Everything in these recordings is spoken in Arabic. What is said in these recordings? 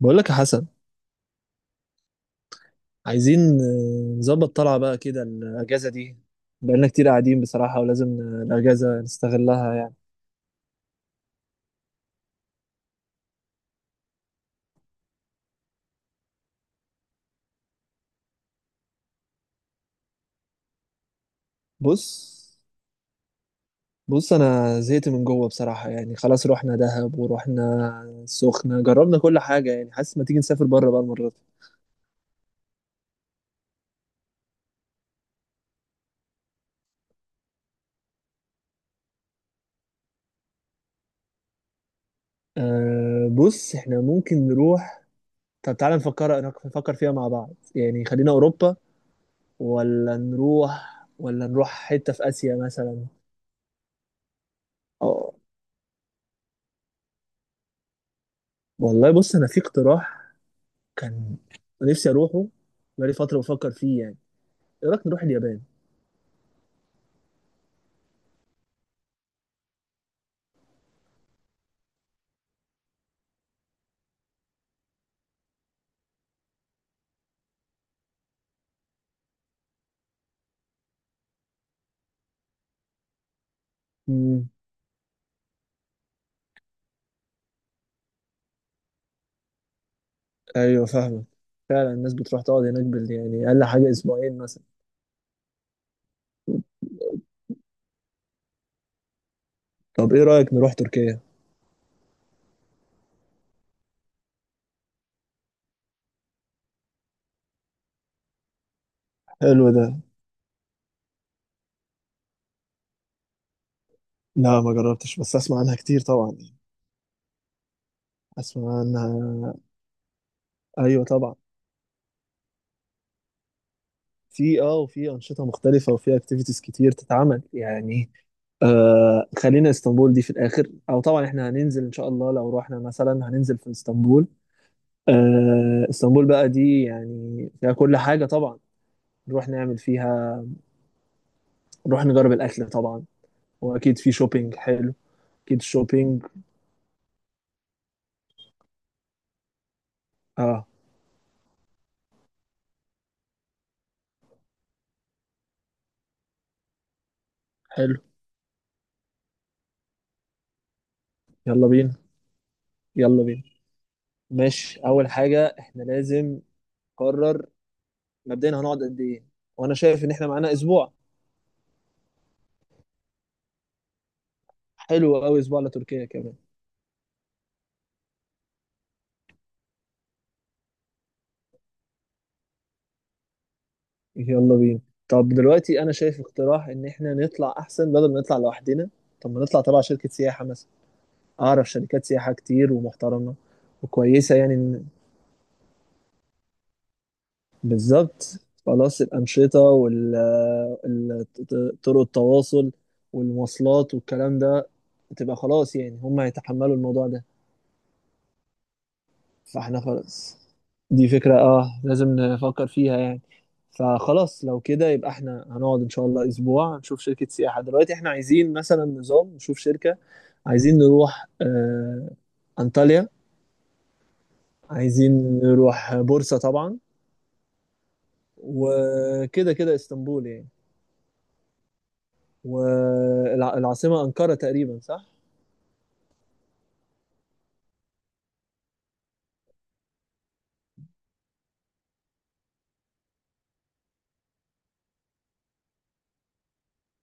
بقول لك يا حسن، عايزين نظبط طلعة بقى كده الأجازة دي. بقالنا كتير قاعدين بصراحة، ولازم الأجازة نستغلها يعني. بص بص، أنا زهقت من جوه بصراحة يعني. خلاص، رحنا دهب ورحنا السخنة، جربنا كل حاجة يعني. حاسس ما تيجي نسافر بره بقى المرة دي. أه بص احنا ممكن نروح. طب تعالى نفكر فيها مع بعض يعني. خلينا أوروبا ولا نروح حتة في آسيا مثلا. اه والله، بص أنا في اقتراح كان نفسي اروحه، بقالي فتره بفكر فيه يعني. ايه رايك نروح اليابان؟ امم. ايوه فاهمك. فعلا الناس بتروح تقعد هناك بال يعني اقل حاجه اسبوعين مثلا. طب ايه رايك نروح تركيا؟ حلو ده. لا ما جربتش، بس اسمع عنها كتير طبعا يعني. اسمع عنها. ايوه طبعا. في اه، وفي انشطه مختلفه وفي اكتيفيتيز كتير تتعمل يعني. آه خلينا اسطنبول دي في الاخر، او طبعا احنا هننزل ان شاء الله لو رحنا مثلا هننزل في اسطنبول. آه اسطنبول بقى دي يعني فيها كل حاجه طبعا. نروح نعمل فيها، نروح نجرب الاكل طبعا، واكيد في شوبينج حلو. اكيد شوبينج. اه حلو. يلا بينا يلا بينا. ماشي، اول حاجه احنا لازم نقرر مبدئيا هنقعد قد ايه. وانا شايف ان احنا معانا اسبوع. حلو قوي، اسبوع لتركيا كمان. يلا بينا. طب دلوقتي انا شايف اقتراح ان احنا نطلع احسن، بدل ما نطلع لوحدنا، طب ما نطلع تبع شركه سياحه مثلا. اعرف شركات سياحه كتير ومحترمه وكويسه يعني. بالظبط. خلاص، الأنشطة وطرق التواصل والمواصلات والكلام ده تبقى خلاص يعني، هم هيتحملوا الموضوع ده. فاحنا خلاص، دي فكرة اه لازم نفكر فيها يعني. فخلاص لو كده يبقى احنا هنقعد ان شاء الله اسبوع، نشوف شركة سياحة دلوقتي. احنا عايزين مثلا نظام نشوف شركة. عايزين نروح انطاليا. عايزين نروح بورصة طبعا. وكده كده اسطنبول يعني. والعاصمة أنقرة تقريبا، صح؟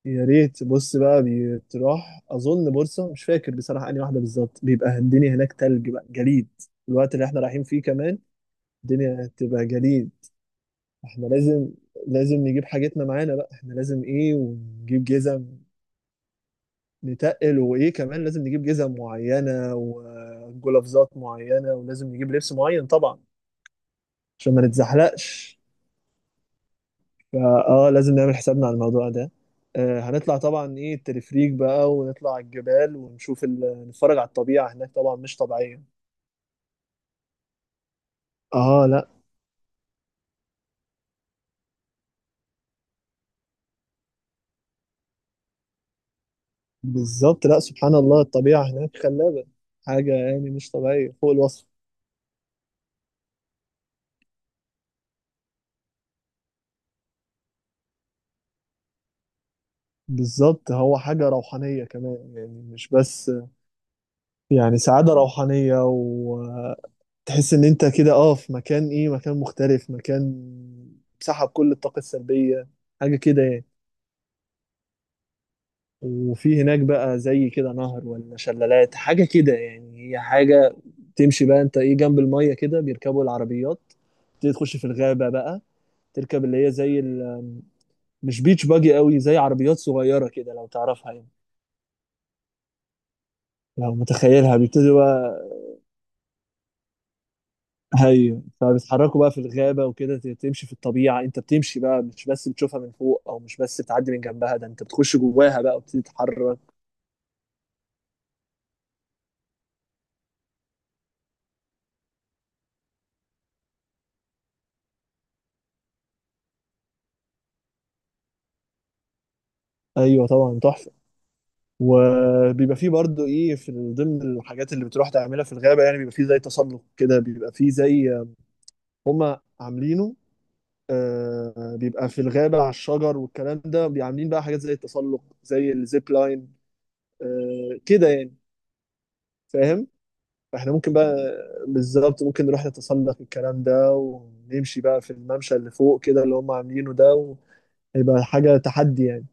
يا ريت. بص بقى، بتروح أظن بورصة، مش فاكر بصراحة أنهي واحدة بالظبط، بيبقى الدنيا هناك تلج بقى، جليد. الوقت اللي احنا رايحين فيه كمان الدنيا هتبقى جليد. احنا لازم نجيب حاجتنا معانا بقى. احنا لازم ايه ونجيب جزم نتقل. وايه كمان، لازم نجيب جزم معينة وجلافزات معينة، ولازم نجيب لبس معين طبعا عشان ما نتزحلقش. فاه، لازم نعمل حسابنا على الموضوع ده. هنطلع طبعا ايه التلفريك بقى، ونطلع على الجبال ونشوف نتفرج على الطبيعة هناك طبعا، مش طبيعية. اه لا، بالظبط. لا سبحان الله، الطبيعة هناك خلابة، حاجة يعني مش طبيعية فوق الوصف. بالظبط. هو حاجة روحانية كمان يعني، مش بس يعني سعادة روحانية. وتحس ان انت كده اه في مكان، مكان مختلف، مكان سحب كل الطاقة السلبية، حاجة كده يعني. وفي هناك بقى زي كده نهر ولا شلالات حاجة كده يعني، هي حاجة. تمشي بقى انت ايه جنب المية كده، بيركبوا العربيات، تبتدي تخش في الغابة بقى. تركب اللي هي زي مش بيتش باجي قوي، زي عربيات صغيرة كده لو تعرفها يعني، لو متخيلها. بيبتدوا بقى هي، فبيتحركوا بقى في الغابة وكده. تمشي في الطبيعة، انت بتمشي بقى، مش بس بتشوفها من فوق او مش بس بتعدي من جنبها، ده انت بتخش جواها بقى وبتتحرك. ايوه طبعا، تحفة. وبيبقى فيه برضه ايه، في ضمن الحاجات اللي بتروح تعملها في الغابه يعني، بيبقى فيه زي تسلق كده، بيبقى فيه زي هما عاملينه. آه بيبقى في الغابه على الشجر والكلام ده، بيعملين بقى حاجات زي التسلق، زي الزيب لاين. آه كده يعني، فاهم. فاحنا ممكن بقى، بالظبط ممكن نروح نتسلق الكلام ده، ونمشي بقى في الممشى اللي فوق كده اللي هما عاملينه ده، ويبقى حاجه تحدي يعني.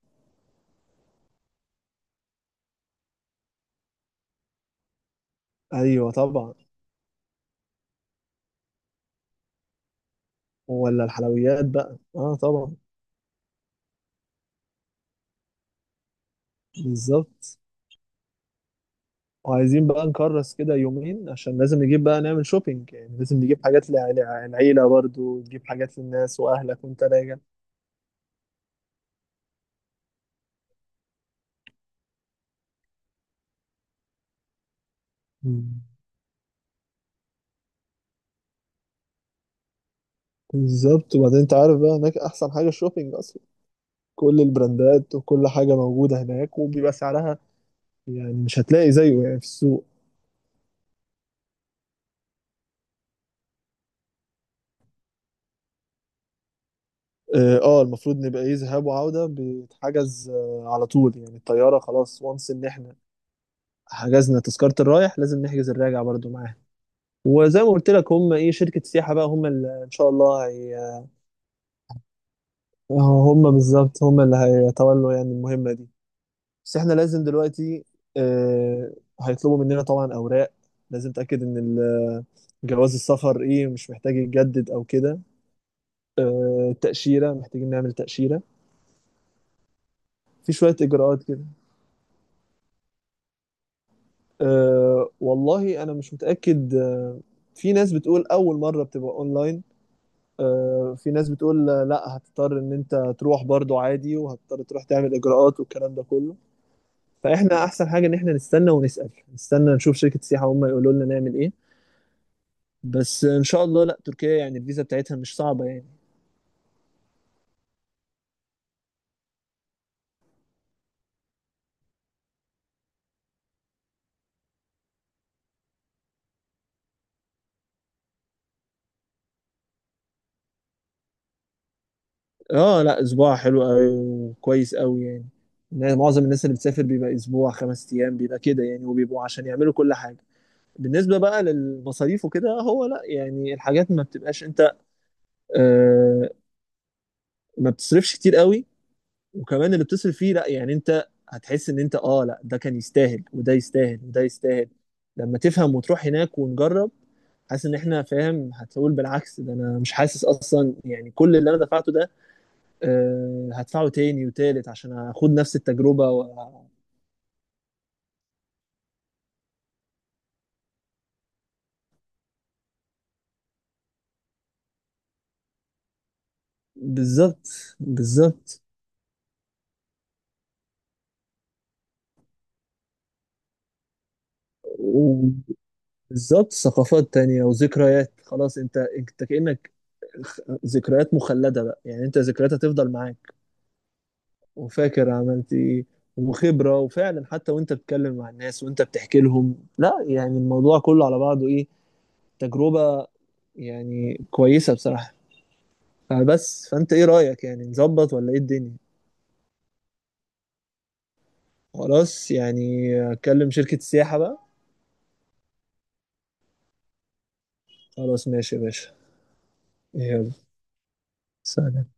ايوه طبعا. ولا الحلويات بقى اه، طبعا. بالظبط. وعايزين بقى نكرس كده يومين، عشان لازم نجيب بقى نعمل شوبينج يعني، لازم نجيب حاجات العيلة برضو، نجيب حاجات للناس وأهلك وأنت راجع. مم. بالظبط. وبعدين أنت عارف بقى هناك أحسن حاجة الشوبينج أصلا. كل البراندات وكل حاجة موجودة هناك، وبيبقى سعرها يعني مش هتلاقي زيه يعني في السوق. اه، المفروض نبقى ايه ذهاب وعودة، بيتحجز على طول يعني الطيارة خلاص. وانس ان احنا حجزنا تذكرة الرايح، لازم نحجز الراجع برضو معاها. وزي ما قلت لك، هم ايه شركة سياحة بقى، هم اللي ان شاء الله. هو هم بالظبط، هم اللي هيتولوا يعني المهمة دي. بس احنا لازم دلوقتي آه، هيطلبوا مننا طبعا أوراق. لازم تأكد إن جواز السفر إيه مش محتاج يتجدد أو كده. التأشيرة، محتاجين نعمل تأشيرة، في شوية إجراءات كده. والله أنا مش متأكد. في ناس بتقول أول مرة بتبقى أونلاين. في ناس بتقول لا، هتضطر إن أنت تروح برضو عادي، وهتضطر تروح تعمل إجراءات والكلام ده كله. فاحنا احسن حاجه ان احنا نستنى ونسال، نستنى نشوف شركه السياحه هم يقولوا لنا نعمل ايه. بس ان شاء الله لا، تركيا يعني الفيزا بتاعتها مش صعبه يعني. اه لا، اسبوع حلو قوي وكويس قوي يعني. يعني معظم الناس اللي بتسافر بيبقى اسبوع 5 ايام بيبقى كده يعني، وبيبقوا عشان يعملوا كل حاجه. بالنسبه بقى للمصاريف وكده، هو لا يعني الحاجات ما بتبقاش انت آه ما بتصرفش كتير قوي. وكمان اللي بتصرف فيه، لا يعني انت هتحس ان انت اه لا، ده كان يستاهل، وده يستاهل، وده يستاهل. لما تفهم وتروح هناك ونجرب، حاسس ان احنا فاهم هتقول بالعكس، ده انا مش حاسس اصلا يعني كل اللي انا دفعته ده آه هدفعه تاني وتالت عشان اخد نفس التجربة بالظبط. بالظبط وبالظبط ثقافات تانية وذكريات. خلاص انت كأنك ذكريات مخلدة بقى يعني، انت ذكريات هتفضل معاك وفاكر عملت ايه وخبرة. وفعلا حتى وانت بتتكلم مع الناس، وانت بتحكي لهم لا يعني، الموضوع كله على بعضه ايه تجربة يعني كويسة بصراحة. فبس فانت ايه رأيك يعني، نظبط ولا ايه الدنيا؟ خلاص يعني، اكلم شركة السياحة بقى. خلاص ماشي يا باشا. يلا، سلام.